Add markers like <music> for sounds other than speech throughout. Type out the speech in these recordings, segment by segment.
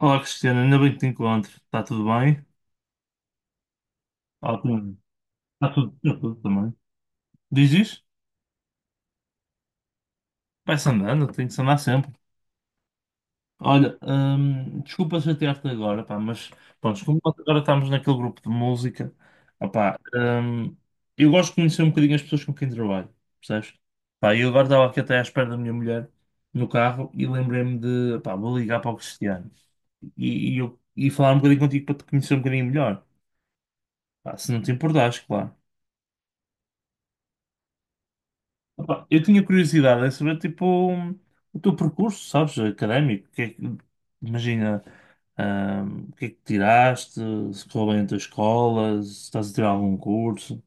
Olá, Cristiana, ainda bem que te encontro. Está tudo bem? Ótimo. Está tudo também. Diz isso? Vai-se andando, tem que se andar sempre. Olha, desculpa chatear-te agora, pá, mas pronto, como nós agora estamos naquele grupo de música, opá, hum, eu gosto de conhecer um bocadinho as pessoas com quem trabalho, percebes? Pá, eu agora estava aqui até à espera da minha mulher no carro e lembrei-me de, pá, vou ligar para o Cristiano e falar um bocadinho contigo para te conhecer um bocadinho melhor. Pá, se não te importares, claro. Opa, eu tinha curiosidade em saber, tipo, o teu percurso, sabes, académico. O que é que- imagina, o que é que tiraste, se correu bem a tua escola, se estás a tirar algum curso.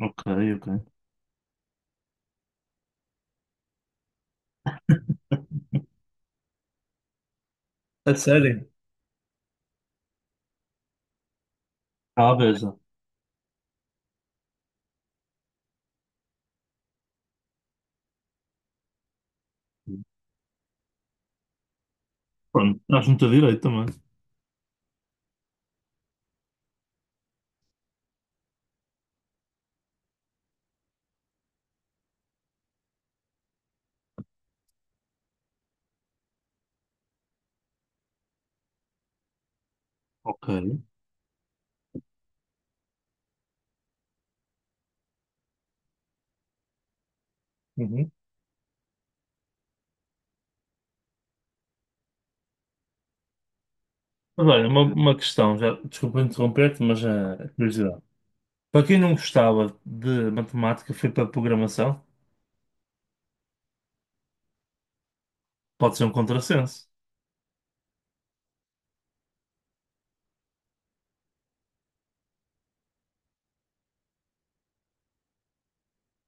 Ok, ok. A sério? Talvez. Pronto, estás muito a direito também. Ok. Uhum. Mas olha, uma questão, já, desculpa interromper-te, mas é curiosidade. Para quem não gostava de matemática, foi para programação, pode ser um contrassenso.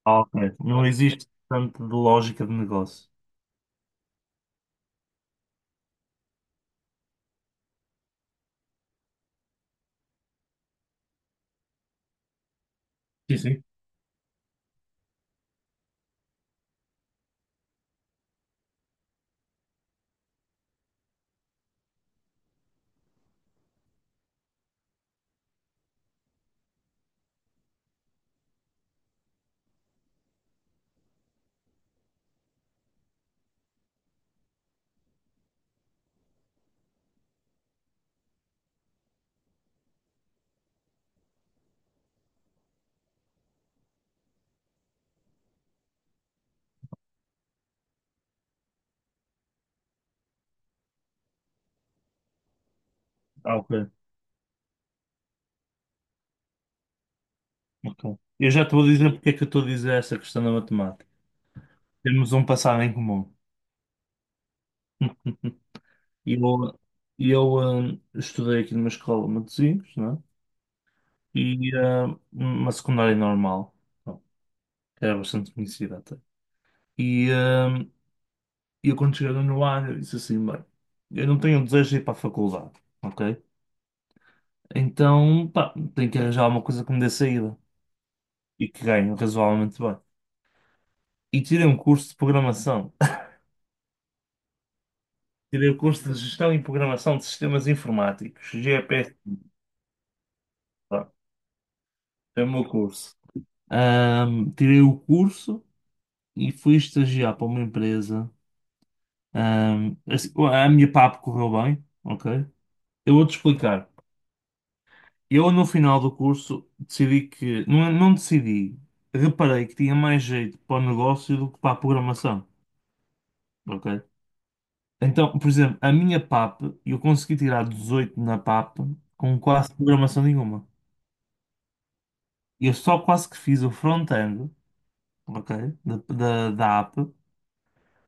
Ah, ok. Não existe tanto de lógica de negócio. Sim, sim. Ah, ok. Ok. Eu já estou a dizer porque é que eu estou a dizer essa questão da matemática. Temos um passado em comum. <laughs> E eu estudei aqui numa escola de Matosinhos, não é? E uma secundária normal, bom, que era bastante conhecida até. E eu quando cheguei no ar, eu disse assim, bem, eu não tenho desejo de ir para a faculdade, ok? Então, pá, tenho que arranjar alguma coisa que me dê saída e que ganhe razoavelmente bem. E tirei um curso de programação. Tirei o curso de Gestão e Programação de Sistemas Informáticos, GPSI. É o meu curso. Tirei o curso e fui estagiar para uma empresa. Assim, a minha PAP correu bem, ok? Eu vou-te explicar. Eu, no final do curso, decidi que. Não, não decidi. Reparei que tinha mais jeito para o negócio do que para a programação, ok? Então, por exemplo, a minha PAP, eu consegui tirar 18 na PAP com quase programação nenhuma. Eu só quase que fiz o front-end, ok? Da app.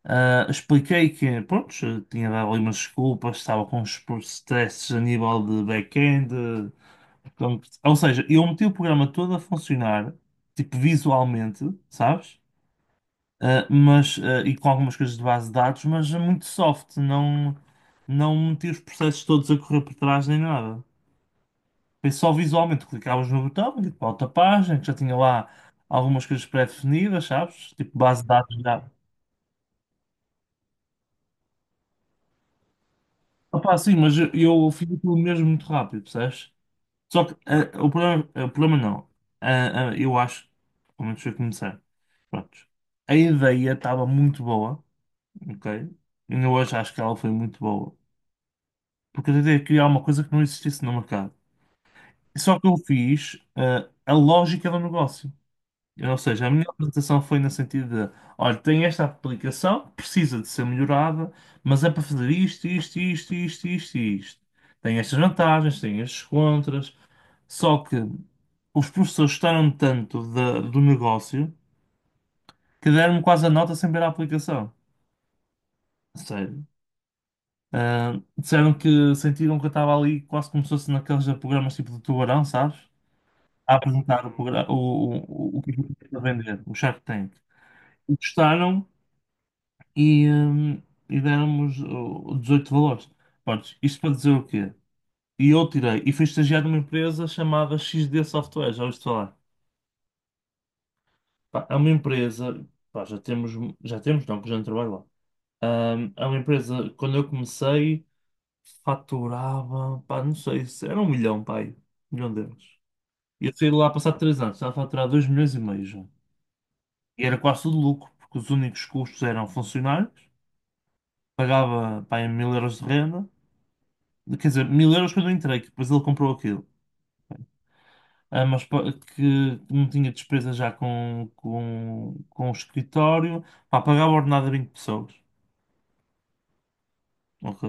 Ah, expliquei que, pronto, tinha dado ali umas desculpas, estava com uns stresses a nível de back-end. Ou seja, eu meti o programa todo a funcionar, tipo visualmente, sabes? E com algumas coisas de base de dados, mas muito soft, não, não meti os processos todos a correr por trás nem nada. Foi só visualmente, clicavas no botão, ia para outra página, que já tinha lá algumas coisas pré-definidas, sabes? Tipo base de dados já. Opá, sim, mas eu fiz aquilo mesmo muito rápido, percebes? Só que o problema não. Eu acho, pelo menos foi começar. Prontos. A ideia estava muito boa, ok? Ainda hoje acho que ela foi muito boa. Porque eu tentei criar uma coisa que não existisse no mercado. Só que eu fiz a lógica do negócio. Ou seja, a minha apresentação foi no sentido de, olha, tem esta aplicação, precisa de ser melhorada, mas é para fazer isto, isto, isto, isto, isto, e isto. Tem estas vantagens, tem estes contras, só que os professores gostaram tanto do negócio que deram-me quase a nota sem ver a aplicação. Sério. Ah, disseram que sentiram que eu estava ali quase como se fosse naqueles programas tipo do Tubarão, sabes? A apresentar o que eu a vender, o Shark Tank. E gostaram e, hum, e deram-nos o 18 valores. Pronto, isto para dizer o quê? E eu tirei, e fui estagiar numa empresa chamada X XD Software, já ouviste falar? Pá, é uma empresa, pá, já temos, não, que já não trabalho lá. É uma empresa, quando eu comecei, faturava, pá, não sei, se era 1 milhão, pá, aí, 1 milhão de euros. E eu saí de lá passado 3 anos, estava a faturar 2,5 milhões já. E era quase tudo lucro, porque os únicos custos eram funcionários, pagava, pá, em 1000 euros de renda, quer dizer, 1000 euros quando eu entrei, que depois ele comprou aquilo. Que não tinha despesa já com o escritório. Pá, pagava ordenado a 20 pessoas. Ok?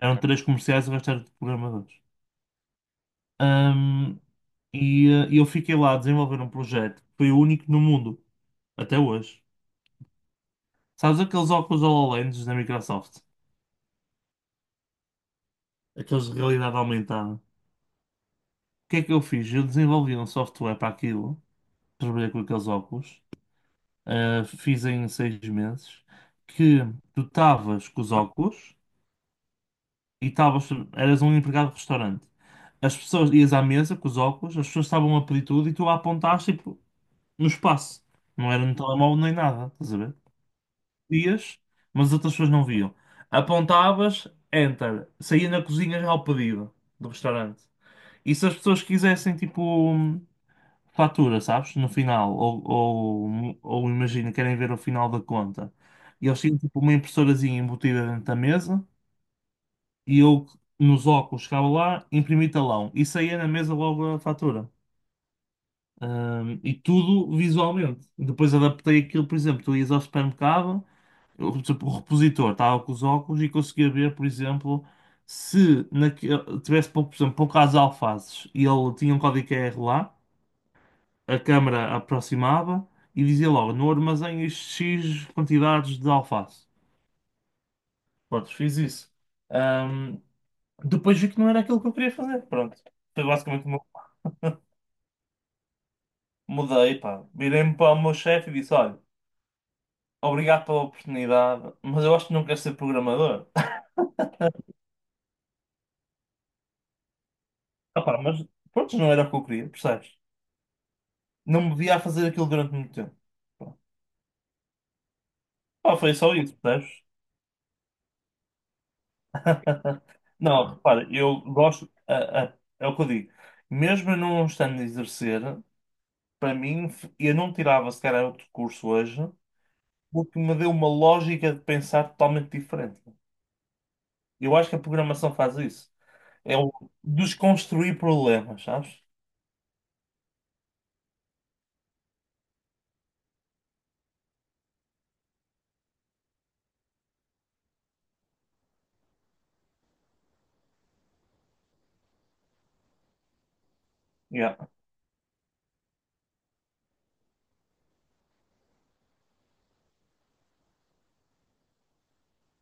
Eram três comerciais, o resto era de programadores. Ahm, e eu fiquei lá a desenvolver um projeto que foi o único no mundo, até hoje. Sabes aqueles óculos HoloLens da Microsoft? Aqueles de realidade aumentada. O que é que eu fiz? Eu desenvolvi um software para aquilo, trabalhei com aqueles óculos. Fiz em 6 meses, que tu estavas com os óculos e estavas, eras um empregado de restaurante. As pessoas ias à mesa com os óculos, as pessoas estavam a pedir tudo e tu a apontaste tipo, no espaço. Não era no telemóvel nem nada, estás a ver? Ias, mas as outras pessoas não viam. Apontavas, enter, saía na cozinha já ao pedido do restaurante. E se as pessoas quisessem, tipo. Fatura, sabes? No final, ou imagina, querem ver o final da conta. E eles tinham tipo uma impressorazinha embutida dentro da mesa e eu, nos óculos, chegava lá, imprimi talão e saía na mesa logo a fatura. E tudo visualmente. Depois adaptei aquilo, por exemplo, tu ias ao supermercado, eu, tipo, o repositor estava com os óculos e conseguia ver, por exemplo, se naquele, tivesse, por exemplo, poucas alfaces e ele tinha um código QR lá. A câmara aproximava e dizia logo, no armazém isto X quantidades de alface. Pronto, fiz isso. Ahm, depois vi que não era aquilo que eu queria fazer. Pronto. Foi basicamente como eu mudei, pá. Virei-me para o meu chefe e disse, olha, obrigado pela oportunidade, mas eu acho que não quero ser programador. <laughs> Ah, pá, mas pronto, não era o que eu queria, percebes? Não me via a fazer aquilo durante muito tempo. Pá, foi só isso, percebes? Não, repara, eu gosto, é o que eu digo, mesmo eu não estando a exercer, para mim, eu não tirava se calhar outro curso hoje, porque me deu uma lógica de pensar totalmente diferente. Eu acho que a programação faz isso, é o desconstruir problemas, sabes? Yeah.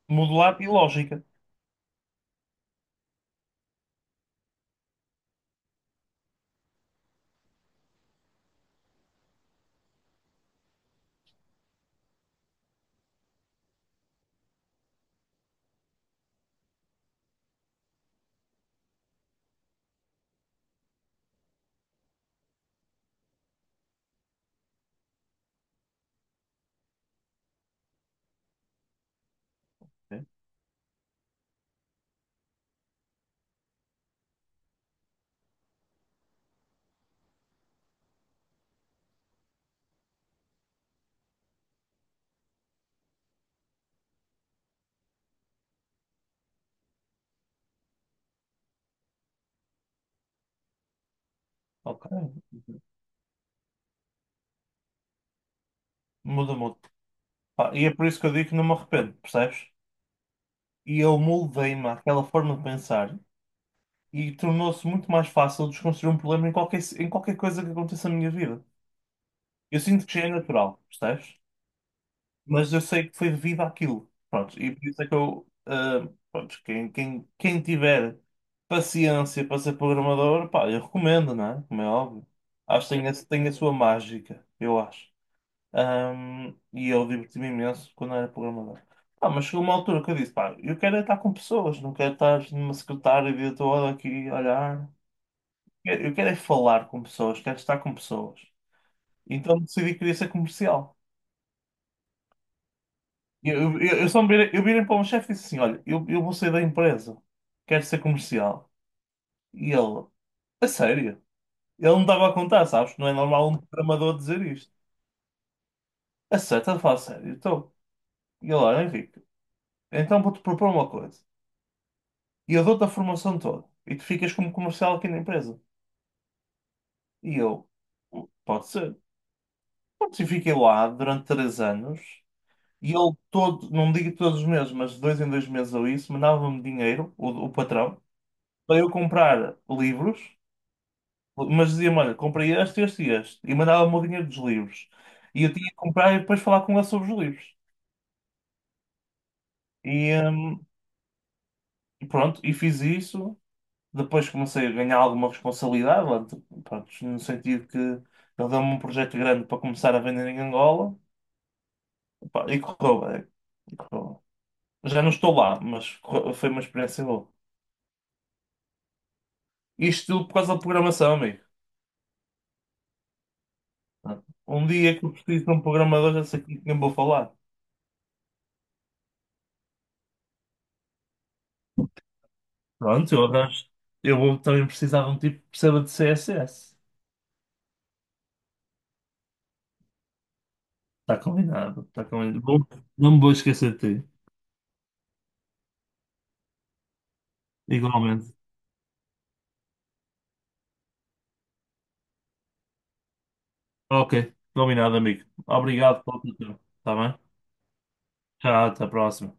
Modular e lógica. Sim. Ok, muda muito. Pá, e é por isso que eu digo que não me arrependo, percebes? E eu moldei-me àquela forma de pensar. E tornou-se muito mais fácil desconstruir um problema em qualquer coisa que aconteça na minha vida. Eu sinto que já é natural, percebes? Mas eu sei que foi devido àquilo. Pronto, e por isso é que pronto, quem tiver paciência para ser programador, pá, eu recomendo, não é? Como é óbvio. Acho que tem tem a sua mágica, eu acho. E eu diverti-me imenso quando era programador. Ah, mas chegou uma altura que eu disse, pá, eu quero é estar com pessoas, não quero estar numa secretária o dia todo aqui a olhar. Eu quero é falar com pessoas, quero estar com pessoas. Então decidi que queria ser comercial. Eu só me virei, eu virei para o meu chefe e disse assim: Olha, eu vou sair da empresa, quero ser comercial. E ele, a sério? Ele não estava a contar, sabes? Não é normal um programador dizer isto. A sério, estás a falar a sério? Então, e ele, olha, Henrique, então vou-te propor uma coisa. E eu dou-te a formação toda. E tu ficas como comercial aqui na empresa. E eu, pode ser. Pronto, e fiquei lá durante 3 anos. E ele todo, não digo todos os meses, mas de 2 em 2 meses ou isso, mandava-me dinheiro, o patrão, para eu comprar livros, mas dizia-me, olha, comprei este, este e este, e mandava-me o dinheiro dos livros. E eu tinha que comprar e depois falar com ele sobre os livros. E hum, e pronto, e fiz isso. Depois comecei a ganhar alguma responsabilidade, pronto, no sentido que ele deu-me um projeto grande para começar a vender em Angola, pá, e correu bem. E correu bem. Já não estou lá, foi uma experiência boa. Isto tudo por causa da programação, amigo. Um dia que eu preciso de um programador, já sei com quem vou falar. Pronto, eu arranjo. Eu vou também precisar de um tipo que perceba de CSS. Está combinado, está combinado. Não me vou esquecer de ti, igualmente. Ok, combinado, amigo. Obrigado pelo teu tempo. Está bem? Tchau, até a próxima.